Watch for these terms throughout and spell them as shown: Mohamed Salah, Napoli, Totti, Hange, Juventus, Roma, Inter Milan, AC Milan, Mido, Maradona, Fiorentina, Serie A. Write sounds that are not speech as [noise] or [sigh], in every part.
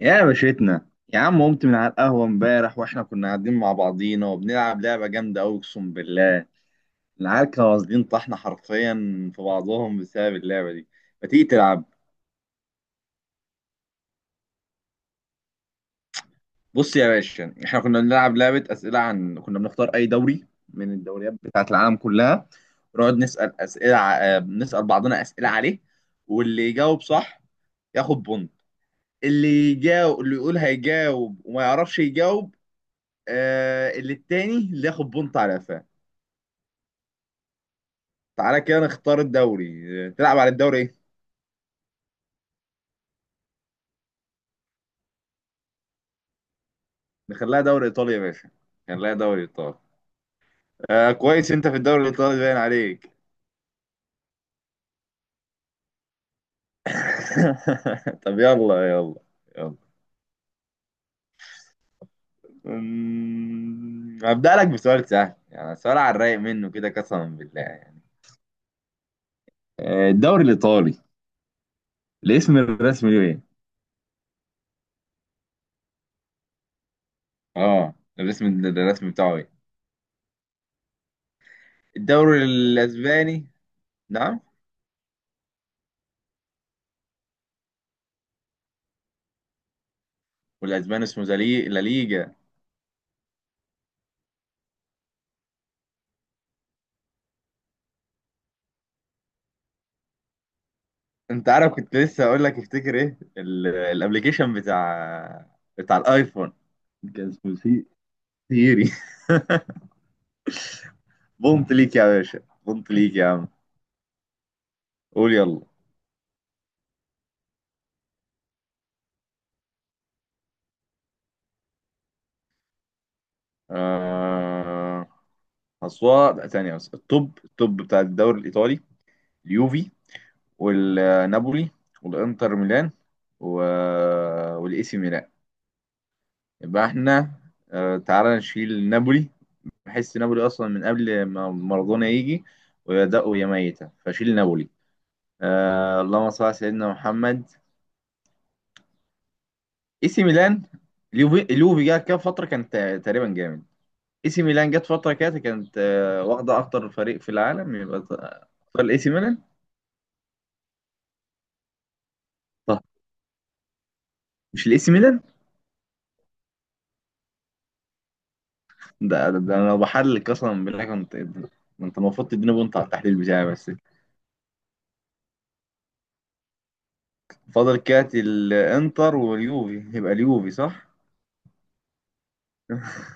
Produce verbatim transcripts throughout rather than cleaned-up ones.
يا باشتنا، يا عم قمت من على القهوة امبارح واحنا كنا قاعدين مع بعضينا وبنلعب لعبة جامدة أوي أقسم بالله. العيال كانوا واصلين طحنا حرفيا في بعضهم بسبب اللعبة دي. ما تيجي تلعب؟ بص يا باشا، احنا كنا بنلعب لعبة أسئلة عن كنا بنختار أي دوري من الدوريات بتاعة العالم كلها، ونقعد نسأل أسئلة ع- آه، نسأل بعضنا أسئلة عليه. واللي يجاوب صح ياخد بونت. اللي يجاوب اللي يقول هيجاوب وما يعرفش يجاوب، آه اللي التاني اللي ياخد بونت على قفاه. تعالى كده نختار الدوري. آه، تلعب على الدوري ايه؟ نخليها دوري ايطالي يا باشا، نخليها دوري ايطالي. آه كويس، انت في الدوري الايطالي باين عليك. [laughs] طب يلا يلا. يلا. أمم، هبدأ لك بسؤال سهل، يعني سؤال على الرايق منه كده قسما بالله يعني. آه، الدوري الايطالي، الاسم الرسمي له ايه؟ اه، الاسم الرسمي بتاعه ايه؟ الدوري الاسباني. نعم. والاسباني اسمه زلي... لا ليجا. انت عارف كنت لسه اقول لك افتكر ايه ال- الابليكيشن بتاع بتاع الايفون. كان اسمه سي، سيري. [laughs] بونت ليك يا باشا، بونت ليك يا عم. قول يلا. آه... أصوات. لا، ثانية بس. التوب التوب بتاع الدوري الإيطالي: اليوفي، والنابولي، والإنتر ميلان، و... والإي سي ميلان. يبقى احنا آه... تعالى نشيل نابولي. بحس نابولي أصلا من قبل ما مارادونا يجي ويبدأوا، يا ميتة فشيل نابولي. آه، اللهم صل على سيدنا محمد. اي سي ميلان، اليوفي اليوفي جه كام فتره كانت تقريبا جامد، اي سي ميلان جت فتره كده كانت آه واخده اكتر فريق في العالم، يبقى تختار الاي سي ميلان. طب مش الاي سي ميلان. ده, ده, ده انا لو بحلل قسما بالله كنت، ما انت المفروض تديني بونت على التحليل بتاعي بس. فاضل كات الانتر واليوفي، يبقى اليوفي صح. [laughs]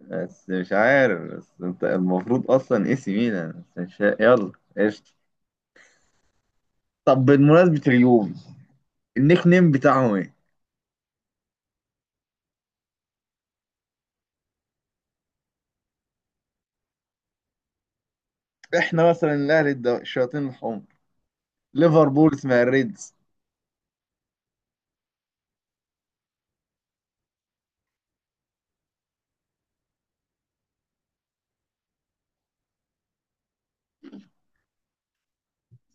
بس مش عارف، بس انت المفروض اصلا اي سي ميلان بس مش، يلا قشطة. طب بمناسبة اليوفي، النيك نيم بتاعهم ايه؟ احنا مثلا الاهلي الد- الشياطين الحمر، ليفربول اسمها الريدز.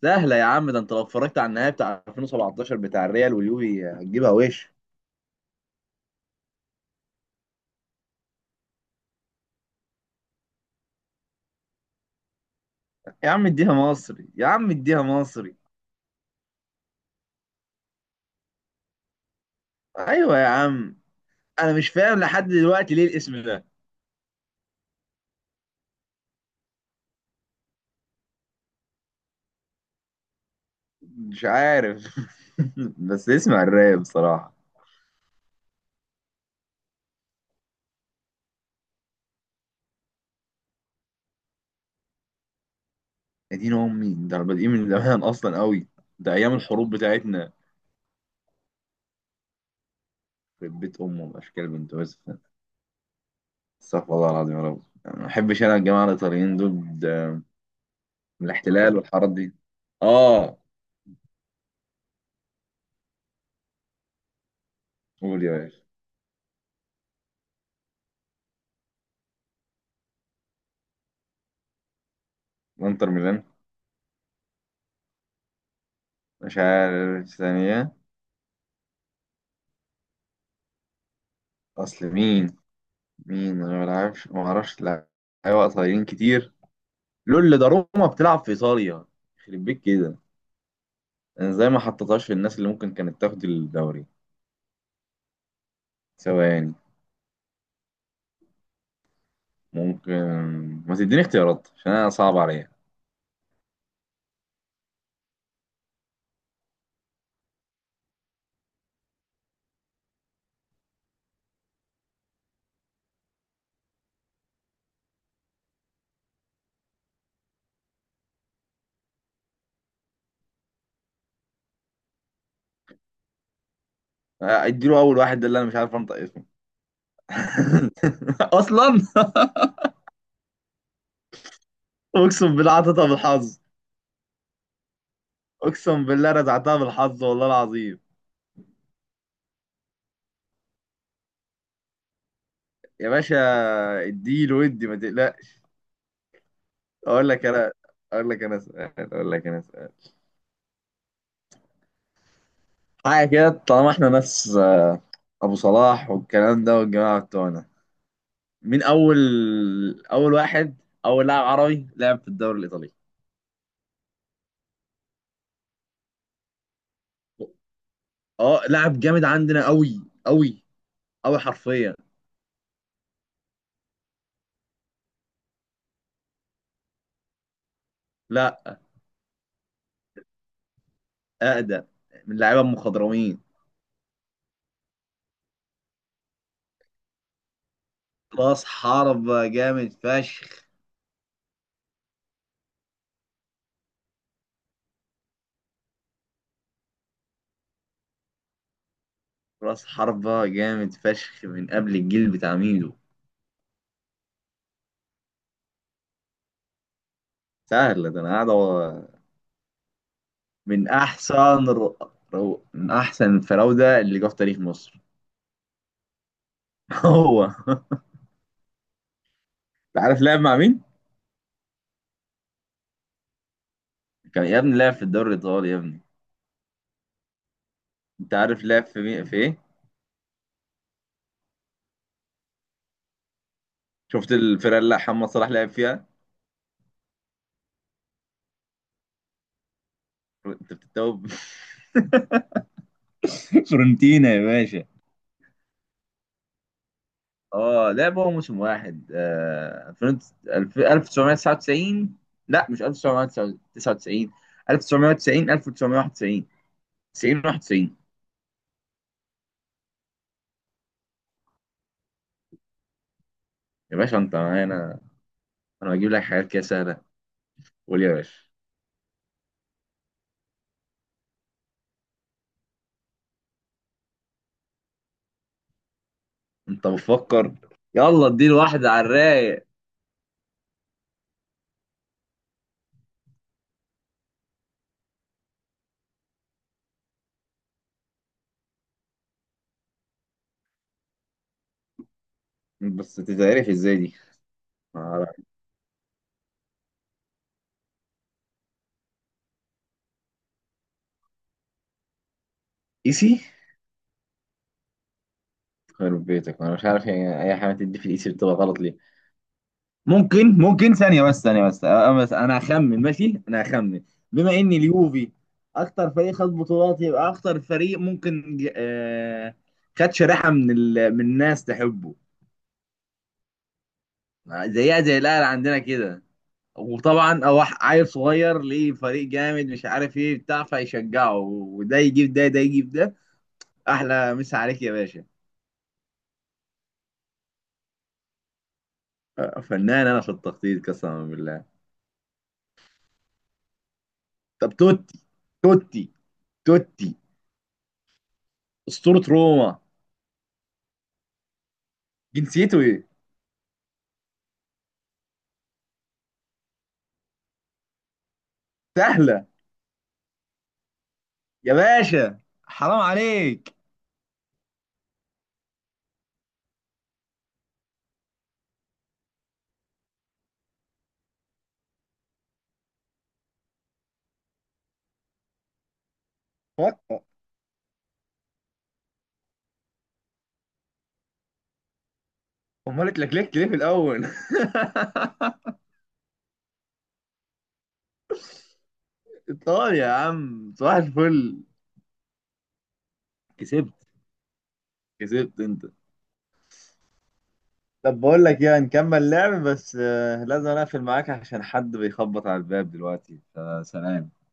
سهله يا عم، ده انت لو اتفرجت على النهائي بتاع ألفين وسبعتاشر بتاع الريال واليوفي هتجيبها وش. يا عم اديها مصري، يا عم اديها مصري. ايوه يا عم، انا مش فاهم لحد دلوقتي ليه الاسم ده. مش عارف. [laughs] بس اسمع الراب بصراحه. يا دين امي، ده احنا بادئين من زمان اصلا قوي. ده ايام الحروب بتاعتنا. في بيت امه اشكال بنت يوسف. استغفر الله العظيم يا رب، أنا ما بحبش انا الجماعه الايطاليين دول من الاحتلال والحارات دي. اه. قول يا باشا. انتر ميلان. مش عارف ثانية. اصل مين، مين، انا ما بلعبش ما اعرفش لا. ايوه قصيرين كتير. لول ده روما بتلعب في ايطاليا. يخرب بيك كده، انا ازاي ما حطيتهاش في الناس اللي ممكن كانت تاخد الدوري؟ ثواني، ممكن. ما تديني اختيارات عشان انا صعب عليا. آه، اديله اول واحد ده اللي انا مش عارف انطق اسمه. [laughs] اصلا اقسم بالله عطيتها بالحظ، اقسم بالله رزعتها بالحظ والله العظيم. يا باشا اديله، ودي ما تقلقش. اقول لك انا. اقول لك انا سؤال اقول لك انا سؤال حاجه كده، طالما احنا ناس ابو صلاح والكلام ده والجماعه بتوعنا. مين اول اول واحد اول لاعب عربي لعب في الدوري الايطالي. اه لاعب جامد عندنا قوي، قوي قوي حرفيا. لا، اقدم، من لعيبه المخضرمين. راس حربة جامد فشخ راس حربة جامد فشخ من قبل الجيل بتاع ميدو. سهل ده، انا قاعد. من احسن رو... رو... من احسن الفراوده اللي جه في تاريخ مصر. [laughs] هو. انت عارف لعب مع مين؟ كان يا ابني لعب في الدوري الايطالي يا ابني. انت عارف لعب في مين في ايه؟ شفت الفرقه اللي محمد صلاح لعب فيها؟ انت بتتوب. [laughs] فورنتينا يا باشا. اه لعب هو موسم واحد آه... فرنت... الف- ألف وتسعمية تسعة وتسعين. لا مش ألف وتسعمية تسعة وتسعين، تسعتاشر وتسعين، ألف وتسعمية واحد وتسعين، تسعين، واحد وتسعين. يا باشا انت معانا؟ انا بجيب لك حاجات كده سهله. قول يا باشا. انت بتفكر، يلا اديله واحدة على الرايق. بس تتعرف ازاي دي؟ ما اعرف. ايسي. خرب بيتك، انا مش عارف يعني اي حاجة تدي في الايسي بتبقى غلط ليه؟ ممكن، ممكن ثانية بس ثانية بس أه، بس انا هخمن، ماشي انا هخمن. بما ان اليوفي اكتر فريق خد بطولات، يبقى اكتر فريق ممكن ج- آه، خد شريحة من ال... من الناس تحبه. زيها زي الاهلي عندنا كده. وطبعا أوح عيل صغير ليه فريق جامد مش عارف ايه بتاع فيشجعه، وده يجيب ده، ده يجيب ده. احلى مسا عليك يا باشا. آه، فنان انا في التخطيط قسما بالله. طب توتي، توتي، توتي اسطورة روما جنسيته ايه؟ سهلة. يا باشا حرام عليك. فك- امال اتلكلكت ليه في الاول؟ [laughs] ايطاليا يا عم صباح الفل. كسبت. كسبت انت. طب بقول لك ايه، هنكمل لعب بس آه، لازم اقفل معاك عشان حد بيخبط على الباب دلوقتي، فسلام.